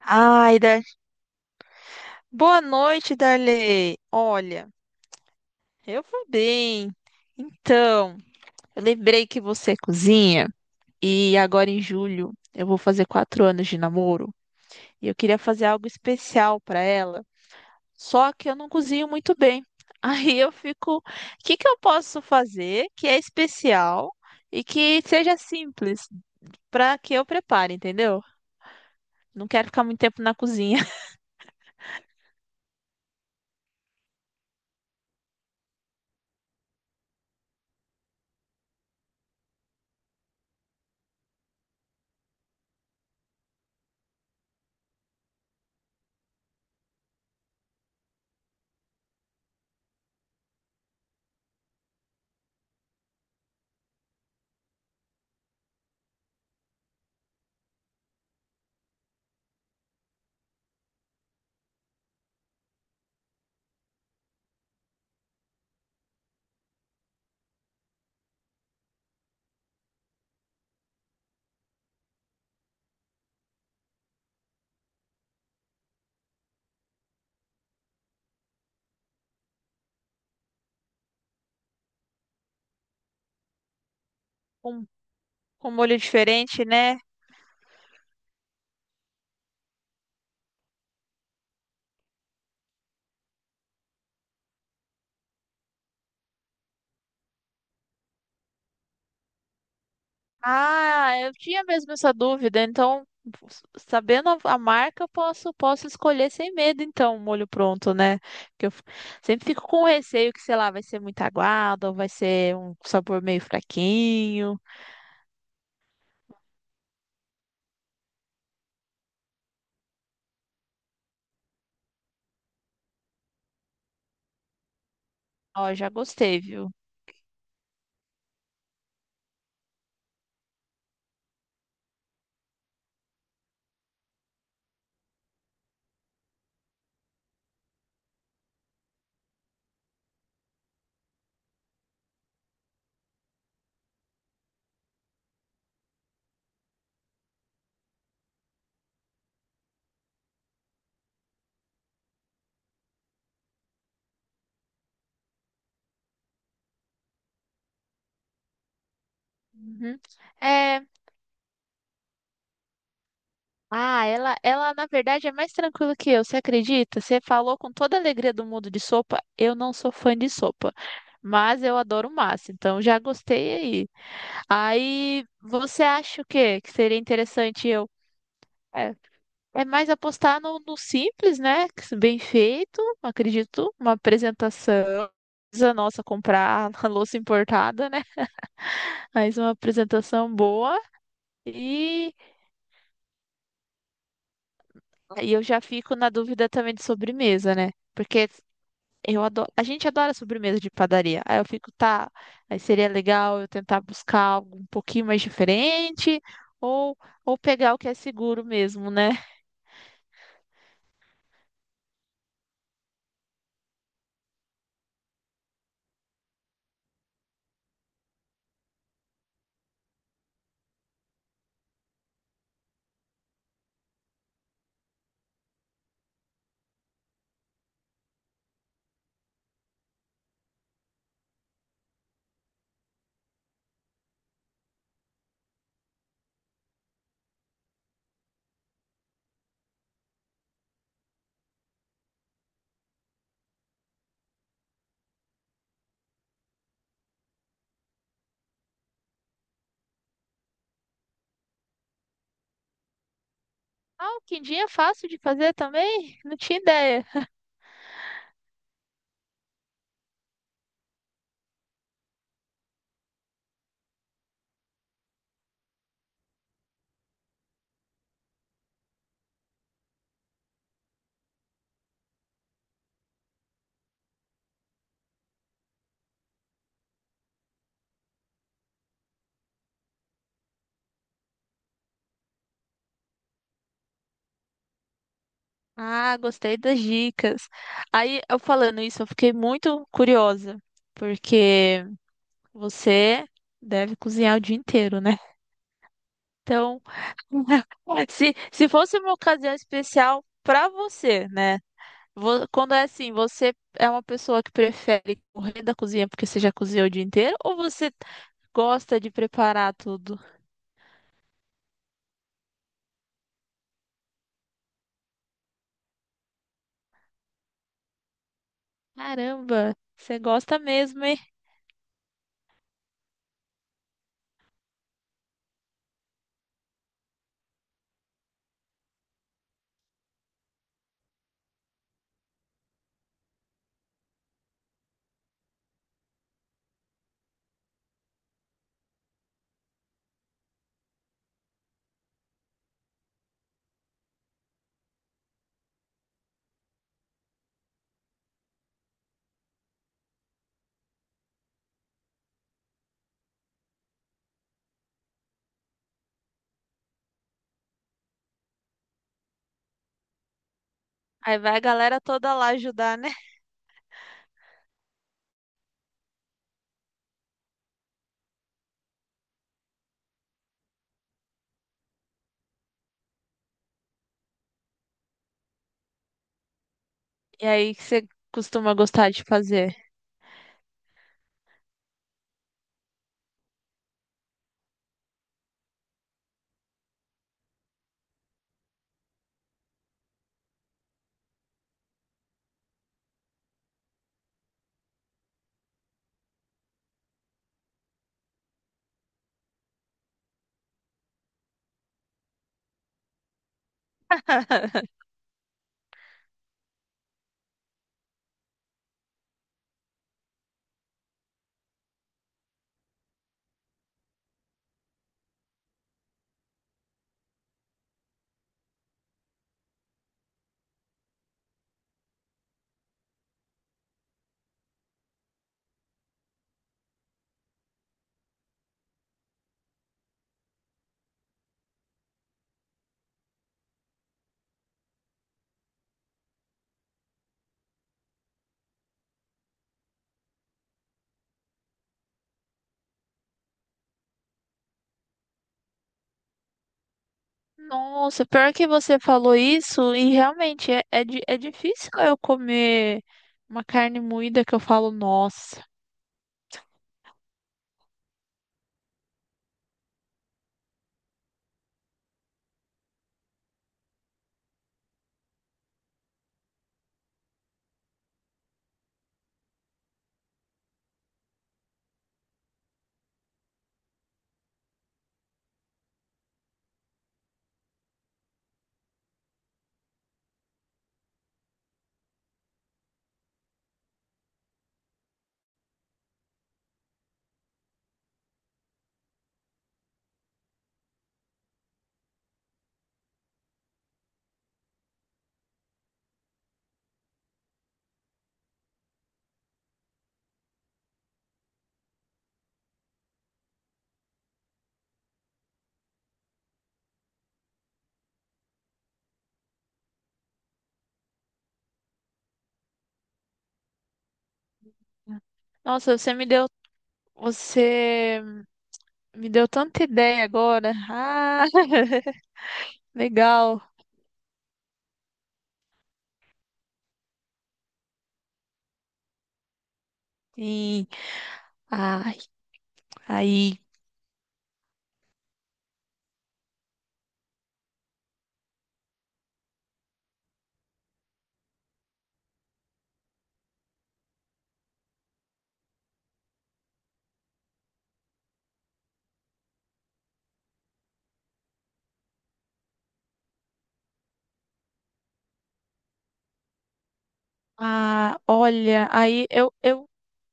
Ai, Dar... Boa noite, Darley. Olha, eu vou bem. Então, eu lembrei que você é cozinha e agora em julho eu vou fazer quatro anos de namoro e eu queria fazer algo especial para ela. Só que eu não cozinho muito bem. Aí eu fico, o que que eu posso fazer que é especial e que seja simples para que eu prepare, entendeu? Não quero ficar muito tempo na cozinha. com, com molho diferente, né? Ah, eu tinha mesmo essa dúvida, então, sabendo a marca, eu posso escolher sem medo, então, o molho pronto, né? Porque eu f- Sempre fico com receio que, sei lá, vai ser muito aguado, ou vai ser um sabor meio fraquinho. Ó, já gostei, viu? Uhum. É, ah, ela na verdade é mais tranquila que eu, você acredita? Você falou com toda a alegria do mundo de sopa. Eu não sou fã de sopa, mas eu adoro massa, então já gostei aí. Aí você acha o quê? Que seria interessante eu. É, é mais apostar no simples, né? que se- Bem feito, acredito. Uma apresentação. Precisa, nossa, comprar a louça importada, né? Mas uma apresentação boa. E, e eu já fico na dúvida também de sobremesa, né? Porque eu adoro, a gente adora sobremesa de padaria. Aí eu fico, tá, aí seria legal eu tentar buscar algo um pouquinho mais diferente ou, ou pegar o que é seguro mesmo, né? Ah, o quindim é fácil de fazer também? Não tinha ideia. Ah, gostei das dicas. Aí eu falando isso, eu fiquei muito curiosa, porque você deve cozinhar o dia inteiro, né? Então, se fosse uma ocasião especial para você, né? Quando é assim, você é uma pessoa que prefere correr da cozinha porque você já cozinhou o dia inteiro ou você gosta de preparar tudo? Caramba, você gosta mesmo, hein? Aí vai a galera toda lá ajudar, né? E aí, o que você costuma gostar de fazer? Nossa, pior que você falou isso, e realmente é, é, é difícil eu comer uma carne moída que eu falo, nossa. Nossa, você me deu. Você. Me deu tanta ideia agora. Ah, legal. Sim. Ai, aí. Ah, olha, aí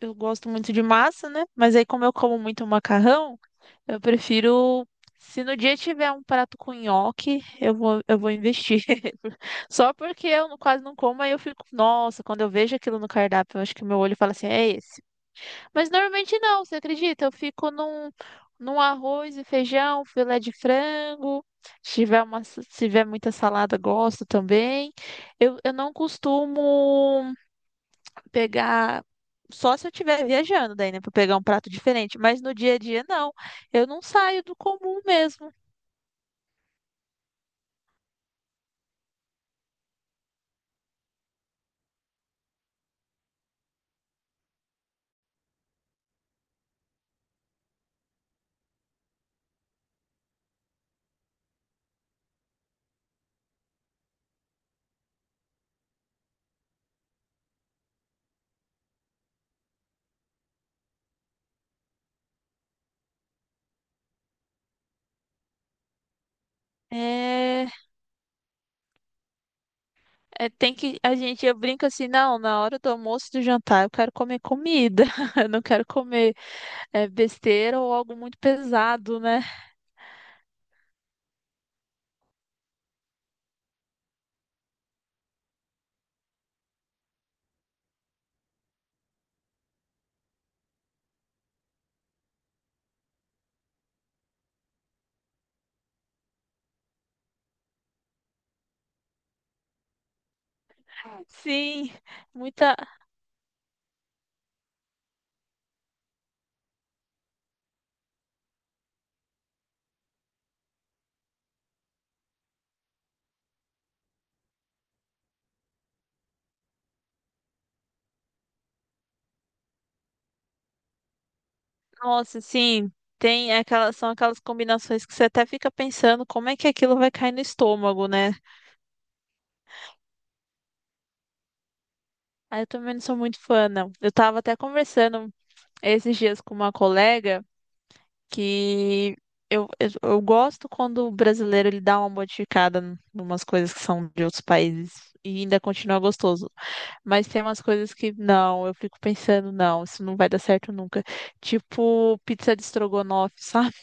eu gosto muito de massa, né? Mas aí como eu como muito macarrão, eu prefiro se no dia tiver um prato com nhoque, eu vou investir. Só porque eu não- quase não como, aí eu fico, nossa, quando eu vejo aquilo no cardápio, eu acho que meu olho fala assim, é esse. Mas normalmente não, você acredita? Eu fico num, num arroz e feijão, filé de frango. Se tiver uma, se tiver muita salada, gosto também. Eu não costumo pegar. Só se eu estiver viajando, daí, né, para pegar um prato diferente. Mas no dia a dia, não. Eu não saio do comum mesmo. É, é, tem que. A gente, eu brinco assim, não, na hora do almoço e do jantar, eu quero comer comida. Eu não quero comer, é, besteira ou algo muito pesado, né? Sim, muita. Nossa, sim, tem aquelas, são aquelas combinações que você até fica pensando como é que aquilo vai cair no estômago, né? Aí eu também não sou muito fã, não. Eu tava até conversando esses dias com uma colega que eu gosto quando o brasileiro ele dá uma modificada em umas coisas que são de outros países e ainda continua gostoso. Mas tem umas coisas que não, eu fico pensando, não, isso não vai dar certo nunca. Tipo pizza de estrogonofe, sabe?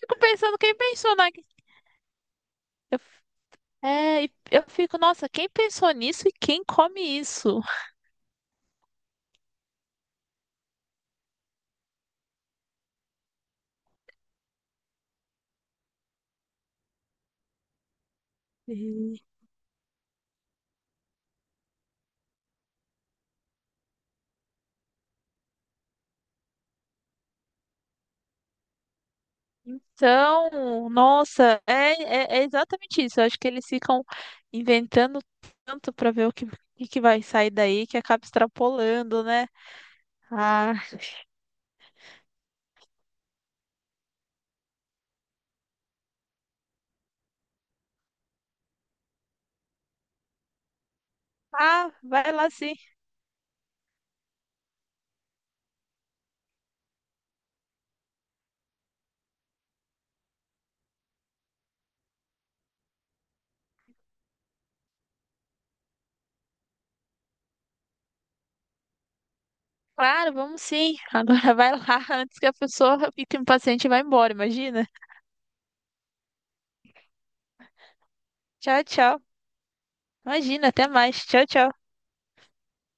Fico pensando, quem pensou na. Eu, é, e eu fico, nossa, quem pensou nisso e quem come isso? E- Então, nossa, é, é, é exatamente isso. Eu acho que eles ficam inventando tanto para ver o que que vai sair daí que acaba extrapolando, né? Ah, ah, vai lá sim. Claro, vamos sim. Agora vai lá antes que a pessoa fique impaciente e vá embora, imagina. Tchau, tchau. Imagina, até mais. Tchau, tchau.